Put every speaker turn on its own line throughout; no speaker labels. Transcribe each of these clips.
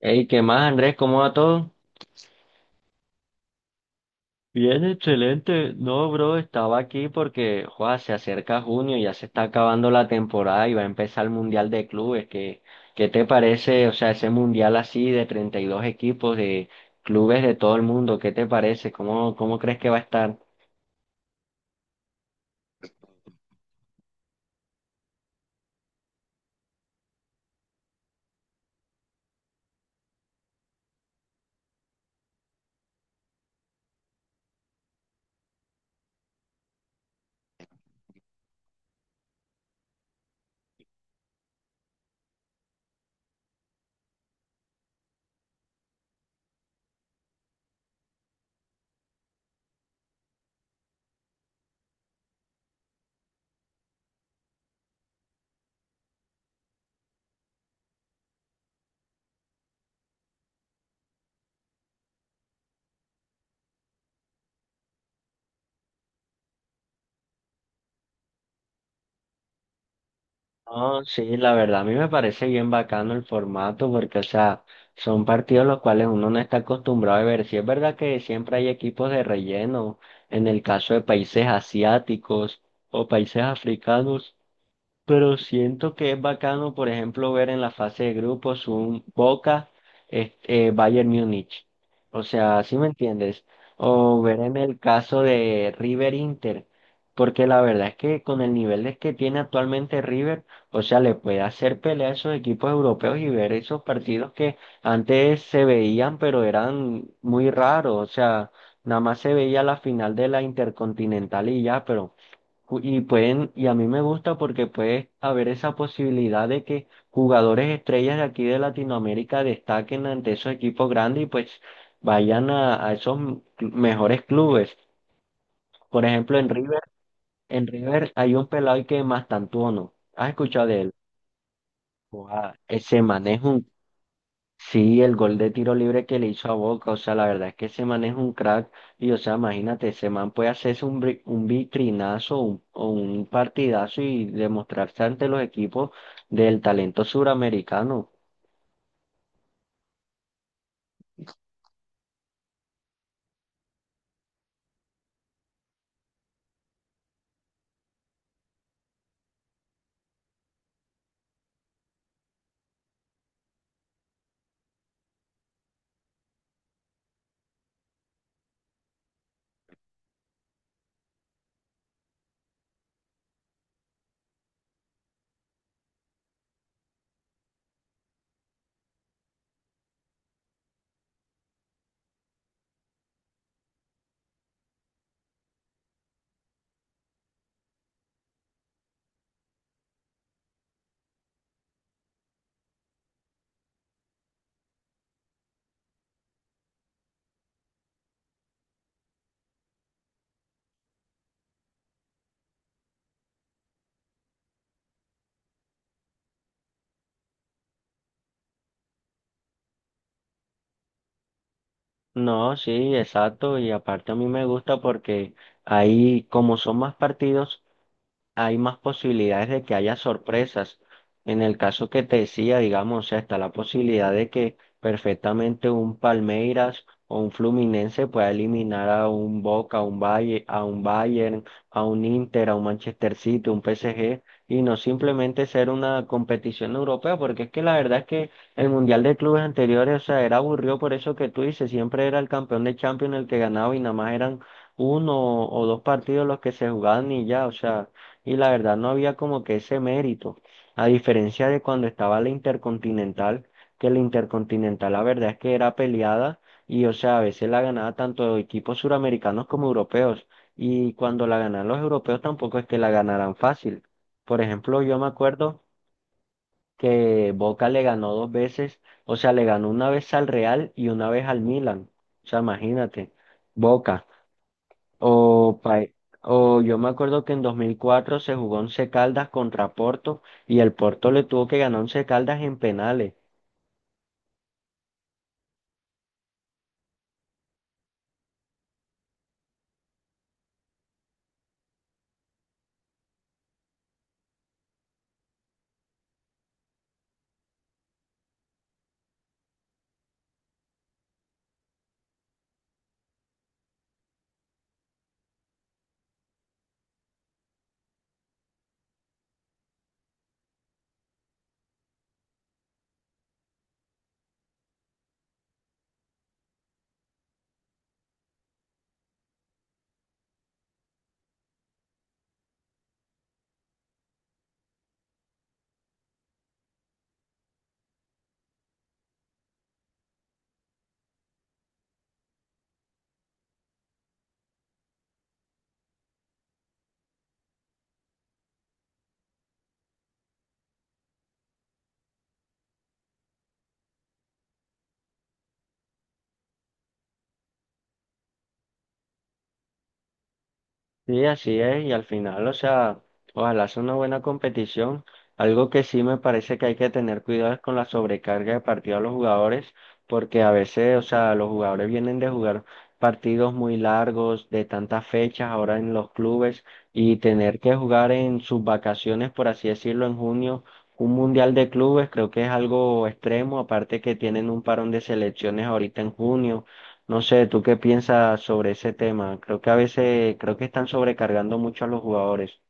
Hey, ¿qué más, Andrés? ¿Cómo va todo? Bien, excelente. No, bro, estaba aquí porque, joa, se acerca junio, ya se está acabando la temporada y va a empezar el Mundial de Clubes. ¿Qué te parece? O sea, ese Mundial así de 32 equipos de clubes de todo el mundo, ¿qué te parece? ¿Cómo crees que va a estar? No, sí, la verdad a mí me parece bien bacano el formato porque, o sea, son partidos los cuales uno no está acostumbrado a ver. Sí es verdad que siempre hay equipos de relleno, en el caso de países asiáticos o países africanos. Pero siento que es bacano, por ejemplo, ver en la fase de grupos un Boca, Bayern Múnich. O sea, ¿sí me entiendes? O ver en el caso de River Inter. Porque la verdad es que con el que tiene actualmente River, o sea, le puede hacer pelea a esos equipos europeos y ver esos partidos que antes se veían, pero eran muy raros. O sea, nada más se veía la final de la Intercontinental y ya, pero. Y pueden, y a mí me gusta porque puede haber esa posibilidad de que jugadores estrellas de aquí de Latinoamérica destaquen ante esos equipos grandes y pues vayan a esos mejores clubes. Por ejemplo, en River hay un pelado que es Mastantuono. ¿Has escuchado de él? Guau, ese man es un. Sí, el gol de tiro libre que le hizo a Boca, o sea, la verdad es que ese man es un crack y, o sea, imagínate, ese man puede hacerse un, un vitrinazo o un partidazo y demostrarse ante los equipos del talento suramericano. No, sí, exacto, y aparte a mí me gusta porque ahí, como son más partidos, hay más posibilidades de que haya sorpresas. En el caso que te decía, digamos, o sea, está la posibilidad de que perfectamente un Palmeiras o un Fluminense pueda eliminar a un Boca, a un Valle, a un Bayern, a un Inter, a un Manchester City, un PSG, y no simplemente ser una competición europea, porque es que la verdad es que el Mundial de Clubes anteriores, o sea, era aburrido por eso que tú dices, siempre era el campeón de Champions el que ganaba y nada más eran uno o dos partidos los que se jugaban y ya, o sea y la verdad no había como que ese mérito, a diferencia de cuando estaba la Intercontinental, que la Intercontinental la verdad es que era peleada y o sea, a veces la ganaba tanto equipos suramericanos como europeos y cuando la ganan los europeos tampoco es que la ganaran fácil. Por ejemplo, yo me acuerdo que Boca le ganó dos veces, o sea, le ganó una vez al Real y una vez al Milan. O sea, imagínate, Boca. O, o yo me acuerdo que en 2004 se jugó Once Caldas contra Porto y el Porto le tuvo que ganar Once Caldas en penales. Sí, así es, y al final, o sea, ojalá sea una buena competición. Algo que sí me parece que hay que tener cuidado es con la sobrecarga de partido a los jugadores, porque a veces, o sea, los jugadores vienen de jugar partidos muy largos, de tantas fechas ahora en los clubes, y tener que jugar en sus vacaciones, por así decirlo, en junio, un mundial de clubes, creo que es algo extremo, aparte que tienen un parón de selecciones ahorita en junio. No sé, ¿tú qué piensas sobre ese tema? Creo que a veces, creo que están sobrecargando mucho a los jugadores.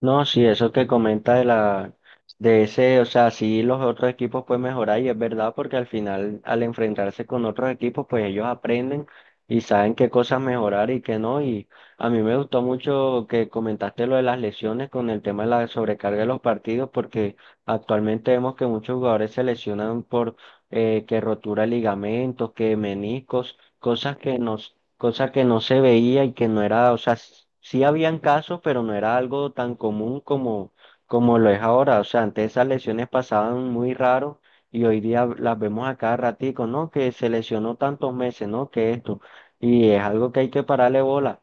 No, sí, eso que comenta de ese, o sea, sí los otros equipos pueden mejorar y es verdad porque al final al enfrentarse con otros equipos pues ellos aprenden y saben qué cosas mejorar y qué no y a mí me gustó mucho que comentaste lo de las lesiones con el tema de la sobrecarga de los partidos porque actualmente vemos que muchos jugadores se lesionan por que rotura de ligamentos, que meniscos, cosa que no se veía y que no era, o sea, sí habían casos, pero no era algo tan común como, como lo es ahora. O sea, antes esas lesiones pasaban muy raro y hoy día las vemos a cada ratico, ¿no? Que se lesionó tantos meses, ¿no? Que esto. Y es algo que hay que pararle bola.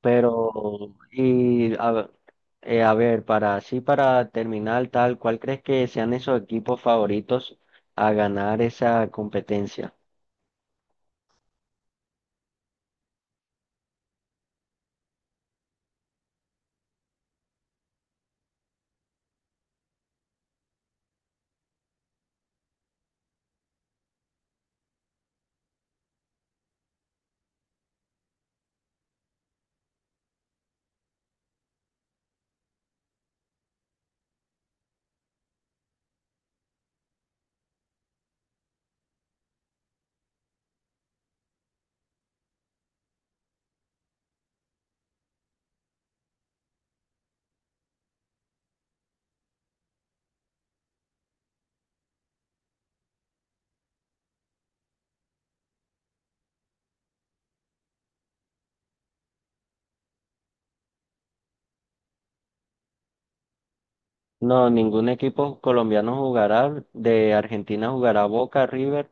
Pero, a ver, para así, para terminar tal, ¿cuál crees que sean esos equipos favoritos a ganar esa competencia? No, ningún equipo colombiano jugará. De Argentina jugará Boca, River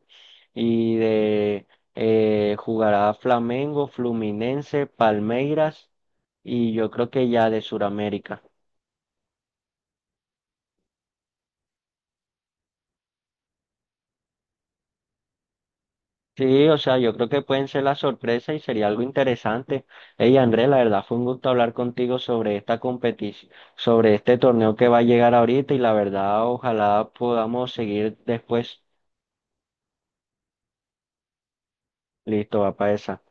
y de jugará Flamengo, Fluminense, Palmeiras y yo creo que ya de Sudamérica. Sí, o sea, yo creo que pueden ser la sorpresa y sería algo interesante. Hey, Andrés, la verdad fue un gusto hablar contigo sobre esta competición, sobre este torneo que va a llegar ahorita y la verdad ojalá podamos seguir después. Listo, va para esa.